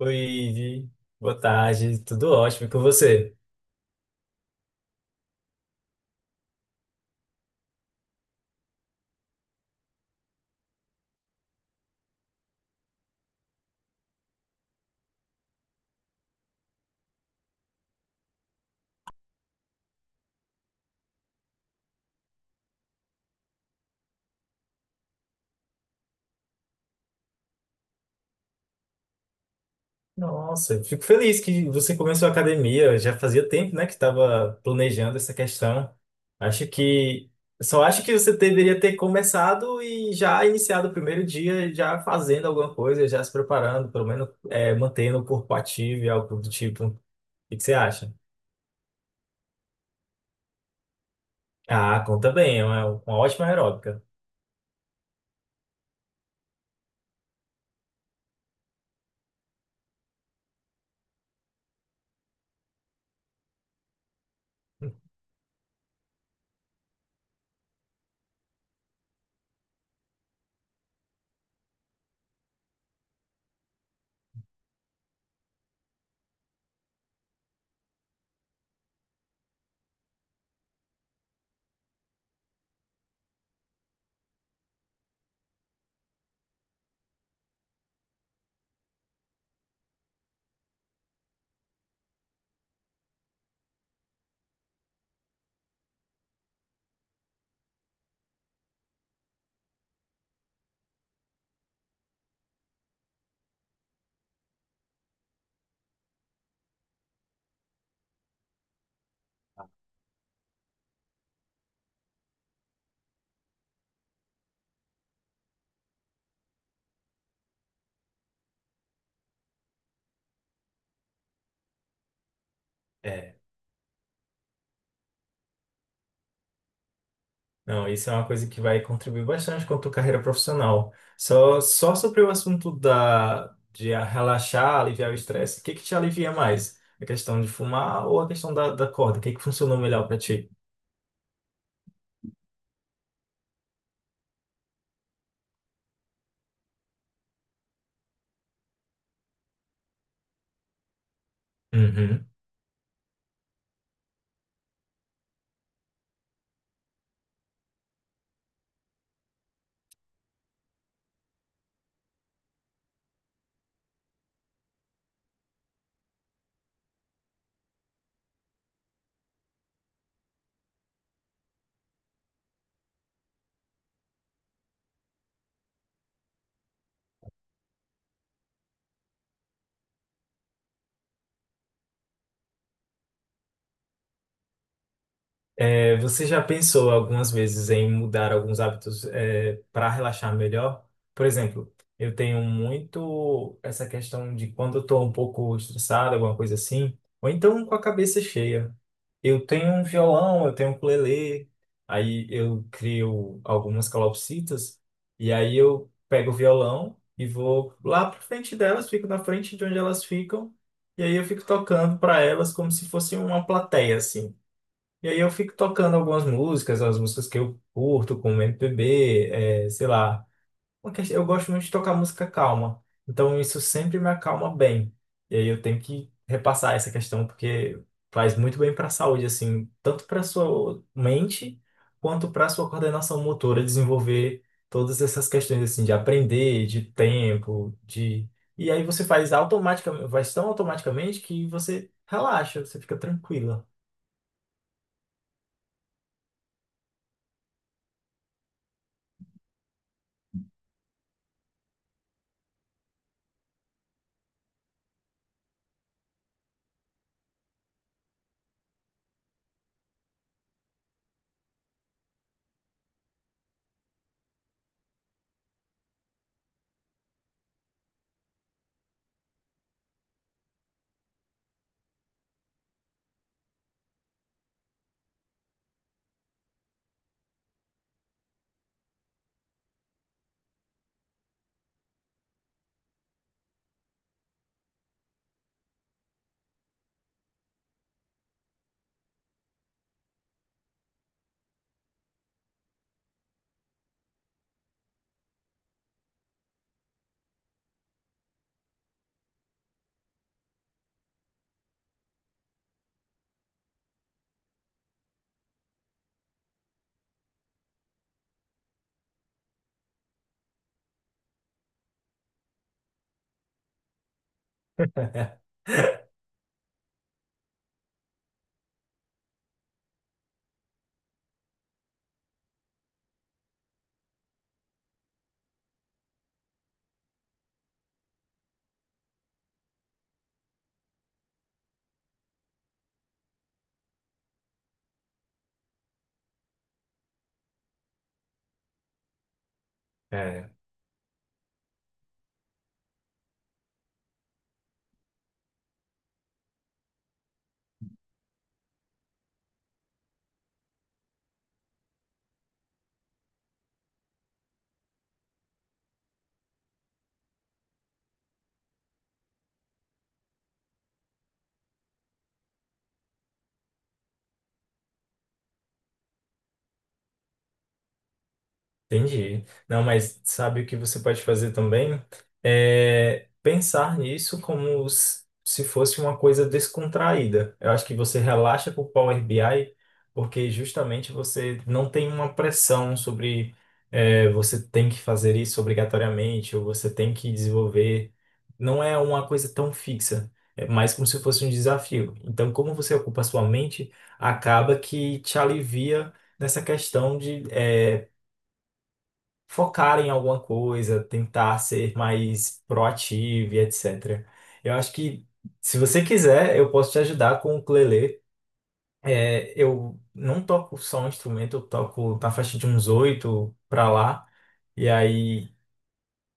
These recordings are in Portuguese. Oi, Ivi. Boa tarde, tudo ótimo e com você? Nossa, eu fico feliz que você começou a academia. Já fazia tempo, né, que estava planejando essa questão. Acho que só acho que você deveria ter começado e já iniciado o primeiro dia, já fazendo alguma coisa, já se preparando, pelo menos mantendo o corpo ativo e algo do tipo. O que que você acha? Ah, conta bem, é uma ótima aeróbica. É. Não, isso é uma coisa que vai contribuir bastante com a tua carreira profissional. Só sobre o assunto de relaxar, aliviar o estresse, o que que te alivia mais? A questão de fumar ou a questão da corda? O que que funcionou melhor para ti? Uhum. É, você já pensou algumas vezes em mudar alguns hábitos, para relaxar melhor? Por exemplo, eu tenho muito essa questão de quando eu estou um pouco estressado, alguma coisa assim, ou então com a cabeça cheia. Eu tenho um violão, eu tenho um ukulele, aí eu crio algumas calopsitas, e aí eu pego o violão e vou lá para frente delas, fico na frente de onde elas ficam, e aí eu fico tocando para elas como se fosse uma plateia, assim. E aí eu fico tocando algumas músicas, as músicas que eu curto, como MPB, é, sei lá. Eu gosto muito de tocar música calma, então isso sempre me acalma bem. E aí eu tenho que repassar essa questão, porque faz muito bem para a saúde, assim, tanto para sua mente, quanto para sua coordenação motora, desenvolver todas essas questões, assim, de aprender, de tempo, de... E aí você faz automaticamente, faz tão automaticamente que você relaxa, você fica tranquila. É, entendi. Não, mas sabe o que você pode fazer também? É pensar nisso se fosse uma coisa descontraída. Eu acho que você relaxa com o Power BI porque justamente você não tem uma pressão sobre você tem que fazer isso obrigatoriamente ou você tem que desenvolver. Não é uma coisa tão fixa, é mais como se fosse um desafio. Então, como você ocupa a sua mente, acaba que te alivia nessa questão de focar em alguma coisa, tentar ser mais proativo e etc. Eu acho que, se você quiser, eu posso te ajudar com o ukulele. É, eu não toco só um instrumento, eu toco na faixa de uns oito para lá. E aí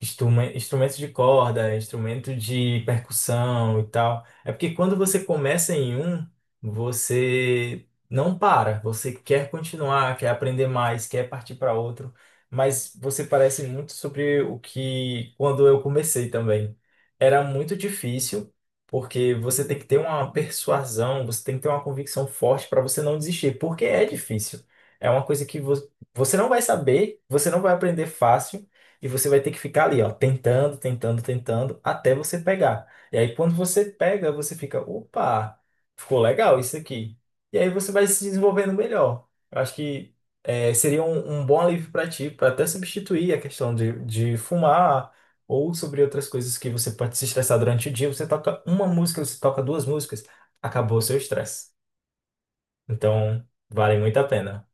Instrumentos de corda, instrumento de percussão e tal. É porque quando você começa em um, você não para, você quer continuar, quer aprender mais, quer partir para outro, mas você parece muito sobre o que quando eu comecei também. Era muito difícil, porque você tem que ter uma persuasão, você tem que ter uma convicção forte para você não desistir, porque é difícil. É uma coisa que você não vai saber, você não vai aprender fácil. E você vai ter que ficar ali, ó, tentando, tentando, tentando, até você pegar. E aí, quando você pega, você fica, opa, ficou legal isso aqui. E aí você vai se desenvolvendo melhor. Eu acho que seria um bom alívio para ti, para até substituir a questão de fumar ou sobre outras coisas que você pode se estressar durante o dia. Você toca uma música, você toca duas músicas, acabou o seu estresse. Então, vale muito a pena.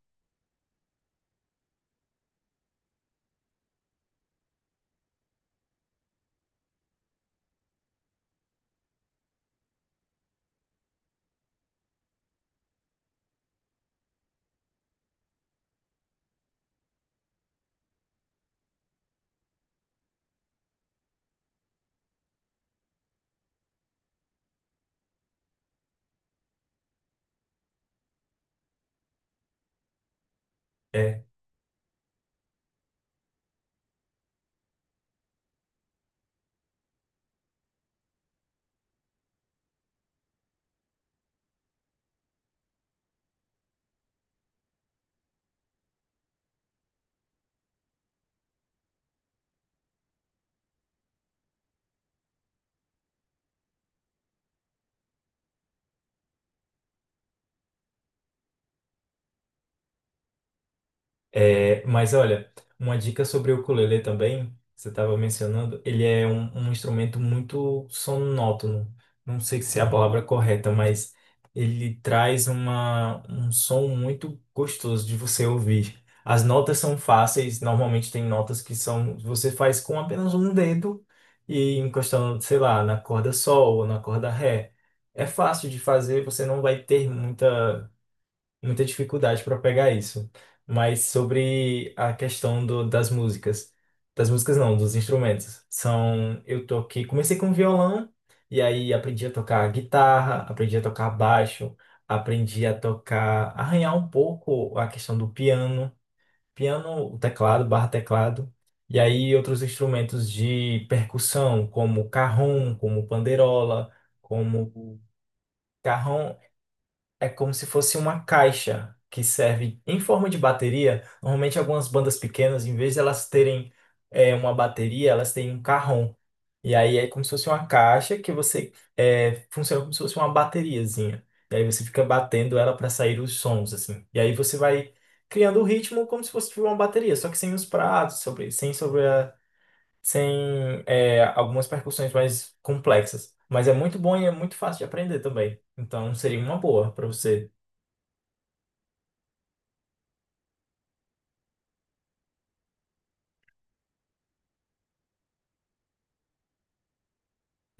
É. É, mas olha, uma dica sobre o ukulele também, você estava mencionando, ele é um instrumento muito sonótono. Não sei se é a palavra correta, mas ele traz um som muito gostoso de você ouvir. As notas são fáceis, normalmente tem notas que são, você faz com apenas um dedo e encostando, sei lá, na corda sol ou na corda ré. É fácil de fazer, você não vai ter muita dificuldade para pegar isso. Mas sobre a questão do, das músicas não, dos instrumentos. São, eu toquei, comecei com violão e aí aprendi a tocar guitarra, aprendi a tocar baixo, aprendi a tocar, arranhar um pouco a questão do piano, piano, o teclado, barra teclado. E aí outros instrumentos de percussão, como carrom, como panderola, como carrom, é como se fosse uma caixa que serve em forma de bateria. Normalmente, algumas bandas pequenas, em vez de elas terem uma bateria, elas têm um carrom. E aí é como se fosse uma caixa que você funciona como se fosse uma bateriazinha. E aí você fica batendo ela para sair os sons, assim. E aí você vai criando o ritmo como se fosse tipo uma bateria, só que sem os pratos, sobre, sem sobre a- sem é, algumas percussões mais complexas. Mas é muito bom e é muito fácil de aprender também. Então seria uma boa para você.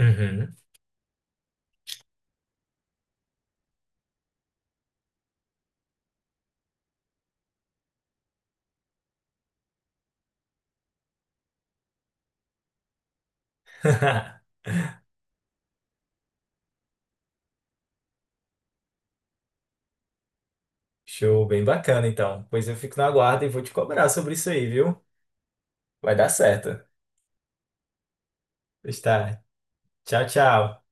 Uhum. Show, bem bacana então. Pois eu fico na guarda e vou te cobrar sobre isso aí, viu? Vai dar certo. Está. Tchau, tchau.